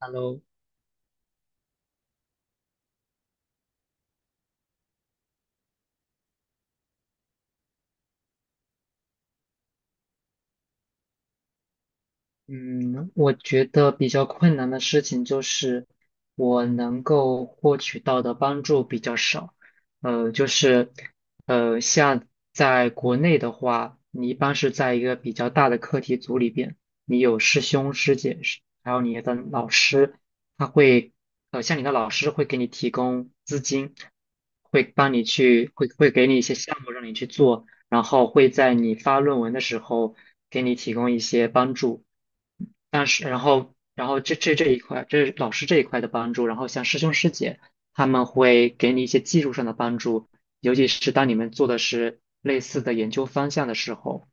Hello，嗯，我觉得比较困难的事情就是我能够获取到的帮助比较少。呃，就是呃，像在国内的话，你一般是在一个比较大的课题组里边，你有师兄师姐，是还有你的老师，他会呃，像你的老师会给你提供资金，会给你一些项目让你去做，然后会在你发论文的时候给你提供一些帮助。但是然后然后这一块，这是老师这一块的帮助，然后像师兄师姐他们会给你一些技术上的帮助，尤其是当你们做的是类似的研究方向的时候。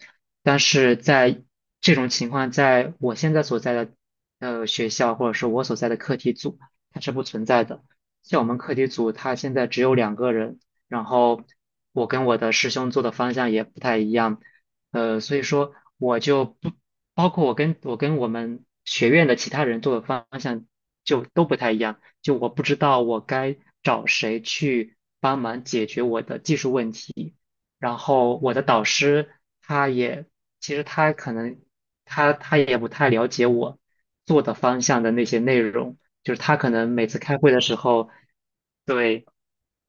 但是在这种情况，在我现在所在的学校，或者是我所在的课题组，它是不存在的。像我们课题组，它现在只有两个人，然后我跟我的师兄做的方向也不太一样，所以说我就不包括我跟我们学院的其他人做的方向就都不太一样，就我不知道我该找谁去帮忙解决我的技术问题，然后我的导师他也其实他可能他他也不太了解我做的方向的那些内容，就是他可能每次开会的时候，对，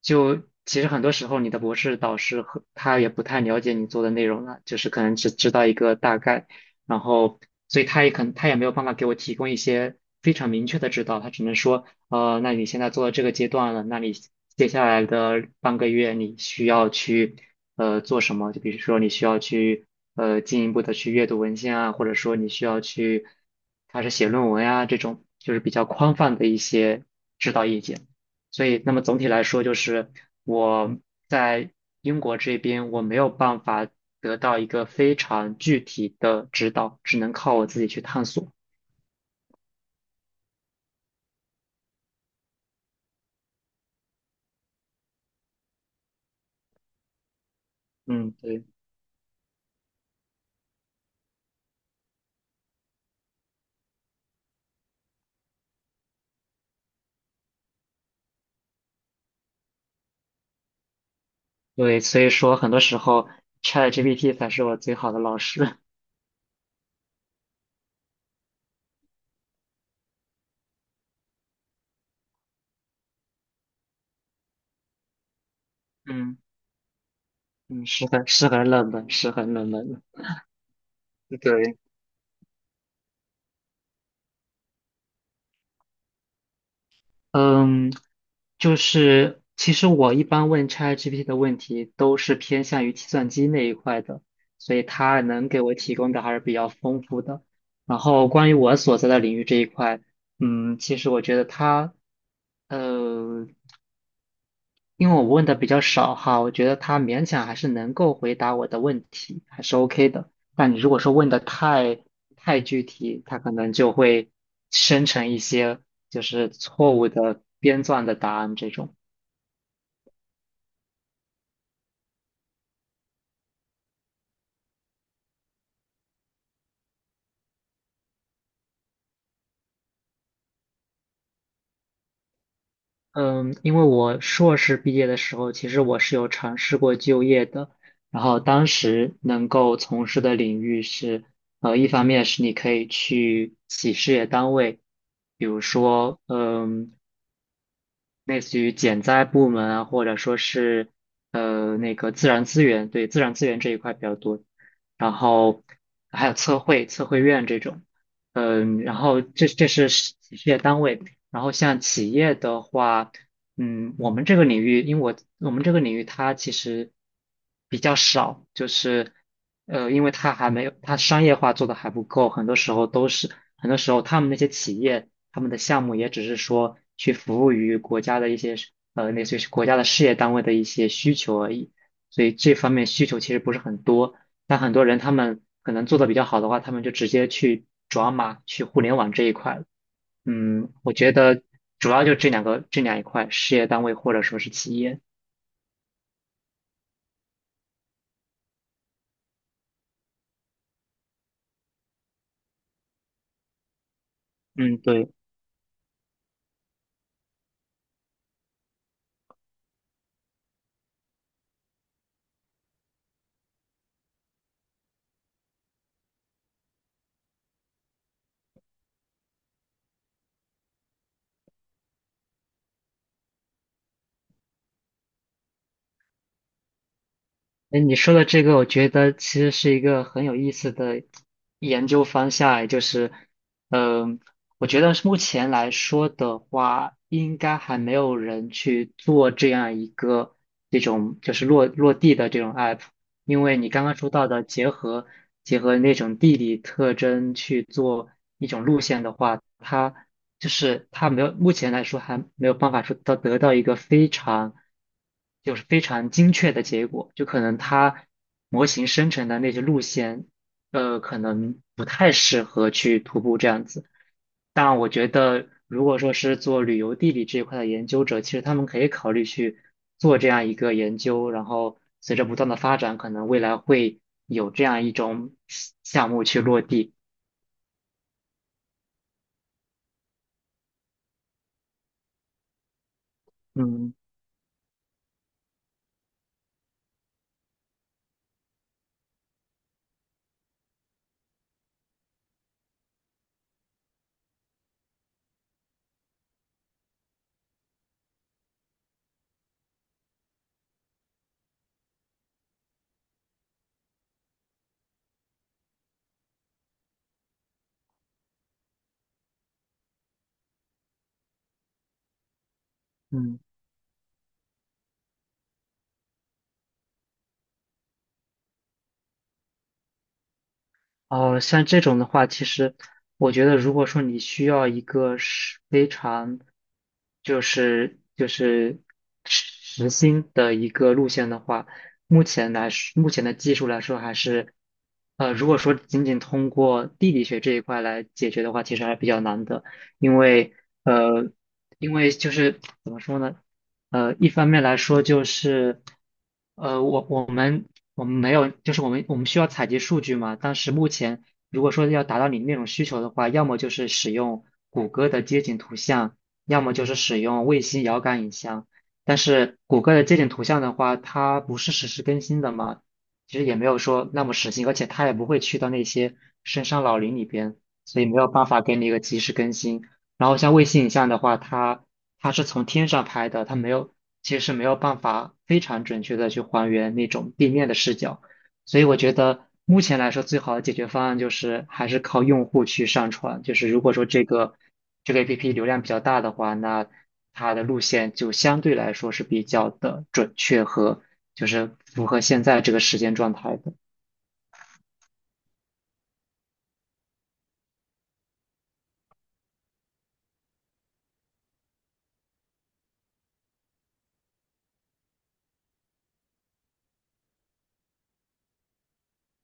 就其实很多时候你的博士导师和他也不太了解你做的内容了，就是可能只知道一个大概，然后所以他也没有办法给我提供一些非常明确的指导，他只能说。那你现在做到这个阶段了，那你接下来的半个月你需要去做什么？就比如说你需要去进一步的去阅读文献啊，或者说你需要去开始写论文呀，这种就是比较宽泛的一些指导意见。所以，那么总体来说，就是我在英国这边我没有办法得到一个非常具体的指导，只能靠我自己去探索。嗯，对。对，所以说很多时候 ChatGPT 才是我最好的老师。嗯嗯，是很是很冷门，是很冷门的。对，嗯，就是其实我一般问 ChatGPT 的问题都是偏向于计算机那一块的，所以它能给我提供的还是比较丰富的。然后关于我所在的领域这一块，嗯，其实我觉得它，呃，因为我问的比较少哈，我觉得他勉强还是能够回答我的问题，还是 OK 的。但你如果说问的太具体，他可能就会生成一些就是错误的编撰的答案这种。嗯，因为我硕士毕业的时候，其实我是有尝试过就业的，然后当时能够从事的领域是，一方面是你可以去企事业单位。比如说，嗯，类似于减灾部门啊，或者说是那个自然资源，对自然资源这一块比较多，然后还有测绘院这种，嗯，然后这这是事业单位，然后像企业的话，嗯，我们这个领域它其实比较少，就是呃，因为它还没有它商业化做的还不够，很多时候他们那些企业。他们的项目也只是说去服务于国家的一些类似于是国家的事业单位的一些需求而已，所以这方面需求其实不是很多。但很多人他们可能做的比较好的话，他们就直接去转码去互联网这一块了。嗯，我觉得主要就这两个这两一块，事业单位或者说是企业。嗯，对。哎，你说的这个，我觉得其实是一个很有意思的研究方向，也就是我觉得是目前来说的话，应该还没有人去做这样一个这种就是落地的这种 app,因为你刚刚说到的结合那种地理特征去做一种路线的话，它就是它没有目前来说还没有办法得到一个非常就是非常精确的结果，就可能它模型生成的那些路线，可能不太适合去徒步这样子。但我觉得，如果说是做旅游地理这一块的研究者，其实他们可以考虑去做这样一个研究，然后随着不断的发展，可能未来会有这样一种项目去落地。嗯嗯。哦，像这种的话，其实我觉得，如果说你需要一个是非常，就是实心的一个路线的话，目前的技术来说，还是，呃，如果说仅仅通过地理学这一块来解决的话，其实还是比较难的，因为呃，因为就是怎么说呢？呃，一方面来说就是，呃,我们没有，就是我们需要采集数据嘛。但是目前如果说要达到你那种需求的话，要么就是使用谷歌的街景图像，要么就是使用卫星遥感影像。但是谷歌的街景图像的话，它不是实时更新的嘛，其实也没有说那么实心，而且它也不会去到那些深山老林里边，所以没有办法给你一个及时更新。然后像卫星影像的话，它是从天上拍的，它没有，其实是没有办法非常准确的去还原那种地面的视角，所以我觉得目前来说最好的解决方案就是还是靠用户去上传，就是如果说这个 APP 流量比较大的话，那它的路线就相对来说是比较的，就是符合现在这个时间状态的。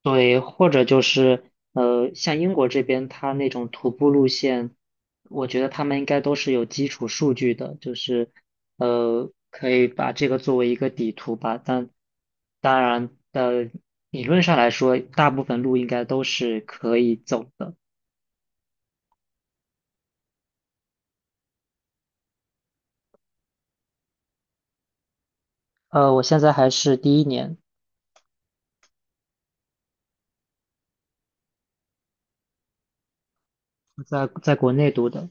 对，或者就是像英国这边，它那种徒步路线，我觉得他们应该都是有基础数据的，就是可以把这个作为一个底图吧。但当然的，理论上来说，大部分路应该都是可以走的。我现在还是第1年，在在国内读的。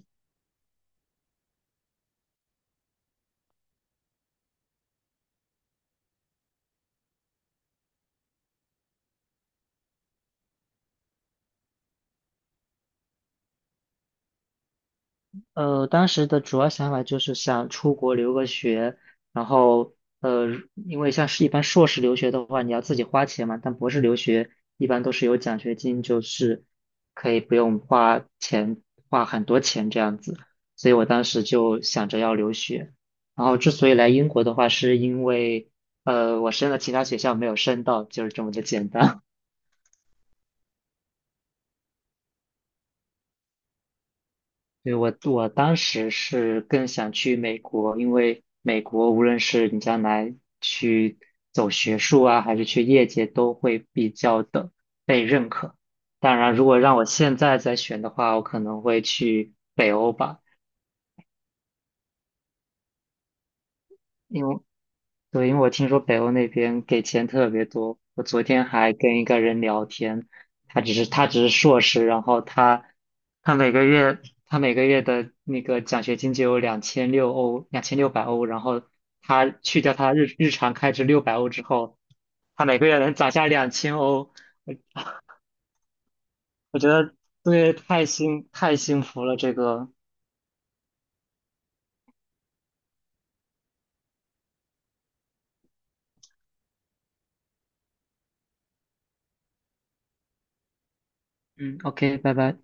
当时的主要想法就是想出国留个学，然后呃，因为像是一般硕士留学的话，你要自己花钱嘛，但博士留学一般都是有奖学金，就是可以不用花钱，花很多钱这样子，所以我当时就想着要留学。然后之所以来英国的话，是因为我申了其他学校没有申到，就是这么的简单。对，我当时是更想去美国，因为美国无论是你将来去走学术啊，还是去业界，都会比较的被认可。当然，如果让我现在再选的话，我可能会去北欧吧。因为。对，因为我听说北欧那边给钱特别多。我昨天还跟一个人聊天，他只是硕士，然后他每个月他每个月的那个奖学金就有2600欧，然后他去掉他日常开支六百欧之后，他每个月能攒下2000欧。我我觉得对，太幸福了，这个。嗯，OK,拜拜。